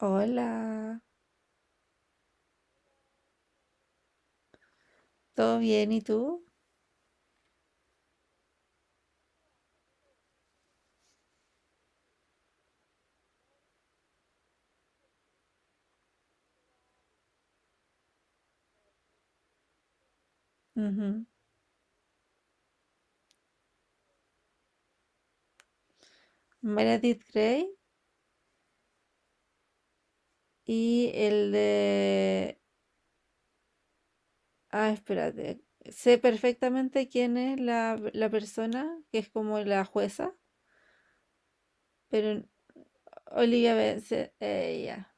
Hola, ¿todo bien? ¿Y tú? Ujú. Meredith Grey y el de... Ah, espérate. Sé perfectamente quién es la persona que es como la jueza, pero Olivia Benson, ella.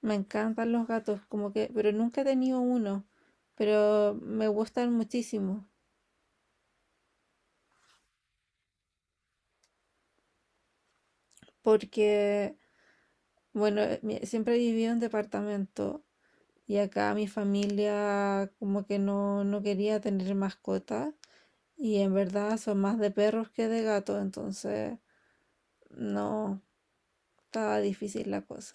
Me encantan los gatos, como que, pero nunca he tenido uno, pero me gustan muchísimo porque, bueno, siempre he vivido en departamento. Y acá mi familia como que no quería tener mascota. Y en verdad son más de perros que de gatos, entonces no, estaba difícil la cosa.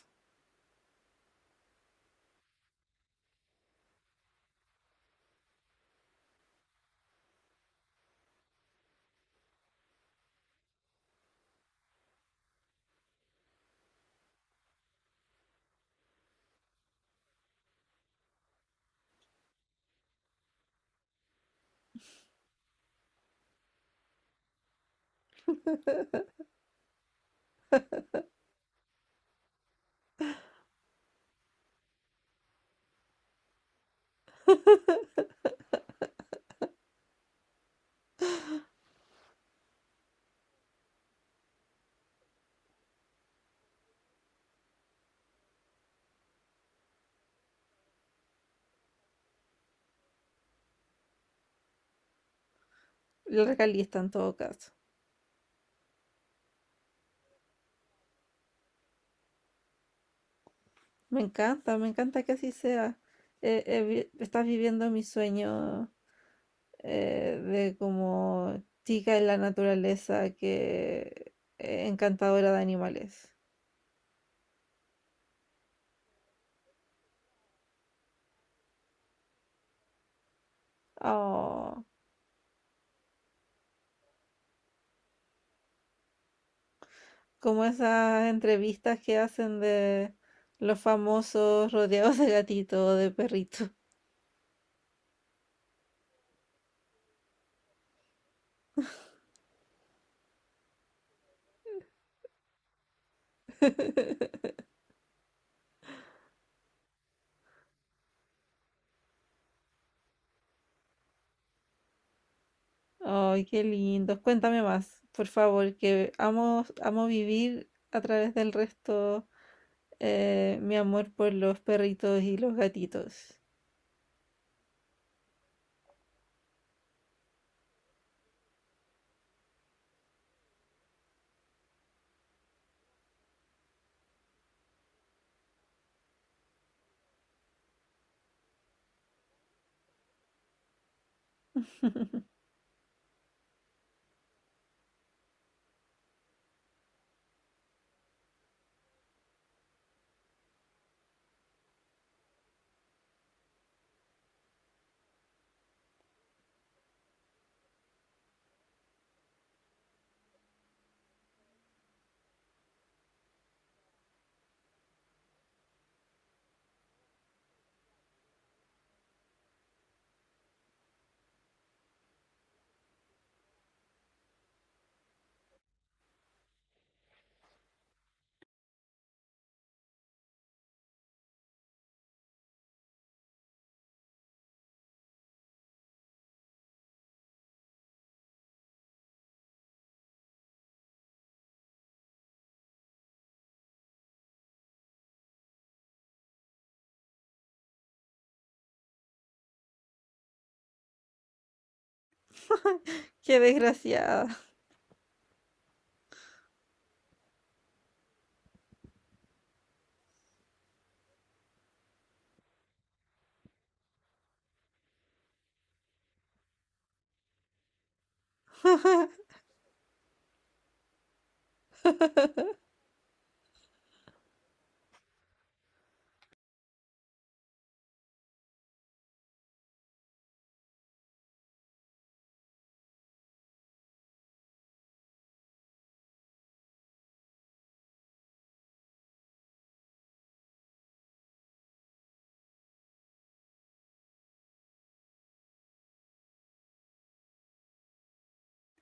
La realista en todo caso. Me encanta que así sea. Estás viviendo mi sueño, de como chica en la naturaleza que, encantadora de animales. Oh. Como esas entrevistas que hacen de los famosos rodeados de gatito o de perrito. Ay, qué lindos. Cuéntame más, por favor, que amo, amo vivir a través del resto, mi amor por los perritos y los gatitos. Qué desgraciada.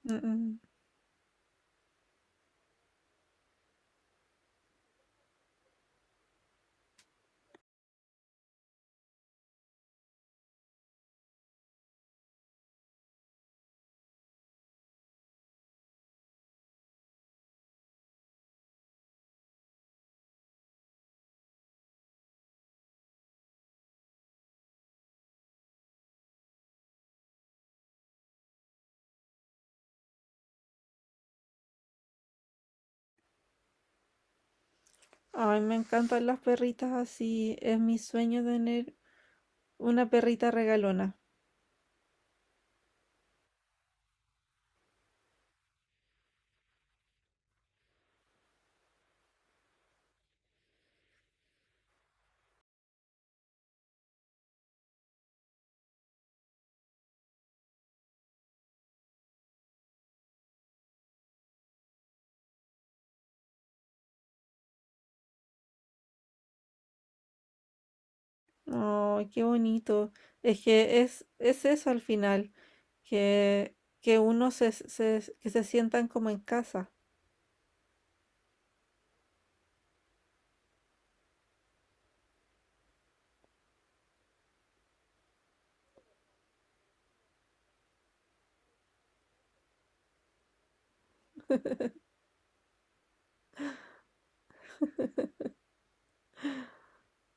Mm, mm. Ay, me encantan las perritas así. Es mi sueño tener una perrita regalona. Ay, qué bonito. Es que es eso al final, que uno que se sientan como en casa.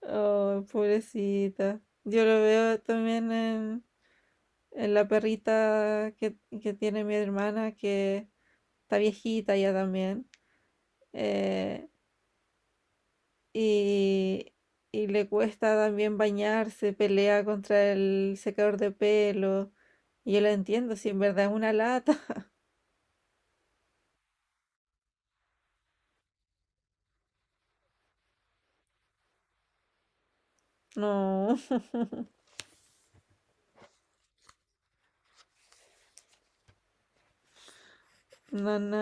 Oh, pobrecita. Yo lo veo también en la perrita que tiene mi hermana, que está viejita ya también. eh, y, y le cuesta también bañarse, pelea contra el secador de pelo. Y yo la entiendo, si en verdad es una lata. No, no, no.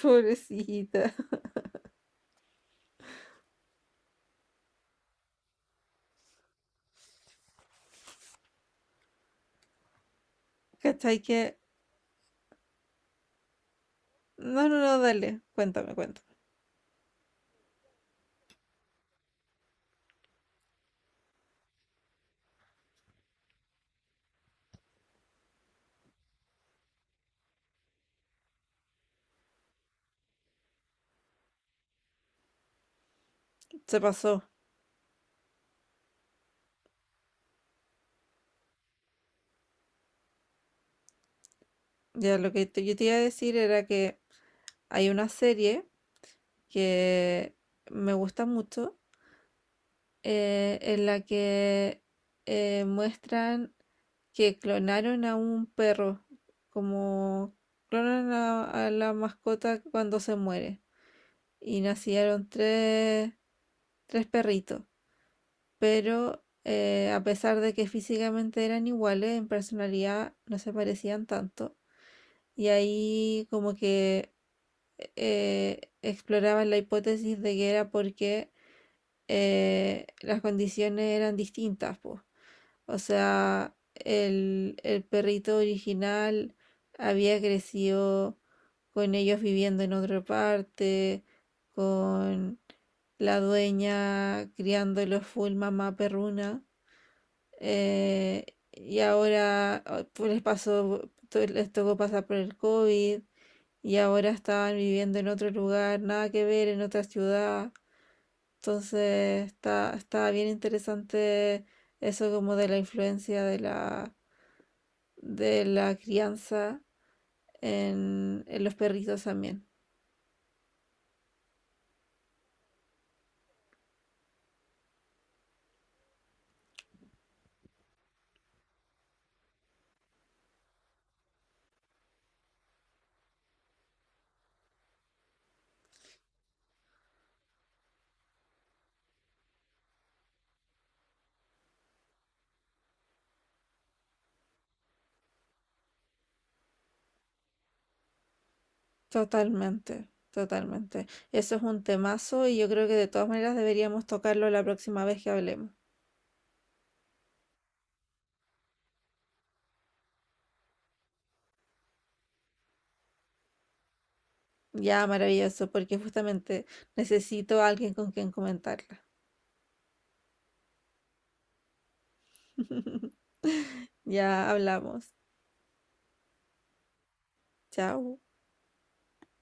Pobrecita. ¿Cachai que? No, no, no, dale, cuéntame, cuéntame. Se pasó. Ya lo que yo te iba a decir era que hay una serie que me gusta mucho, en la que muestran que clonaron a un perro, como clonan a la mascota cuando se muere. Y nacieron tres, tres perritos, pero a pesar de que físicamente eran iguales, en personalidad no se parecían tanto. Y ahí como que exploraban la hipótesis de que era porque las condiciones eran distintas, po. O sea, el perrito original había crecido con ellos viviendo en otra parte, con la dueña criándolos full mamá perruna, eh, y ahora oh, pues les pasó, les tocó pasar por el COVID y ahora estaban viviendo en otro lugar, nada que ver, en otra ciudad. Entonces está, está bien interesante eso como de la influencia de la crianza en los perritos también. Totalmente, totalmente. Eso es un temazo y yo creo que de todas maneras deberíamos tocarlo la próxima vez que hablemos. Ya, maravilloso, porque justamente necesito a alguien con quien comentarla. Ya hablamos. Chao.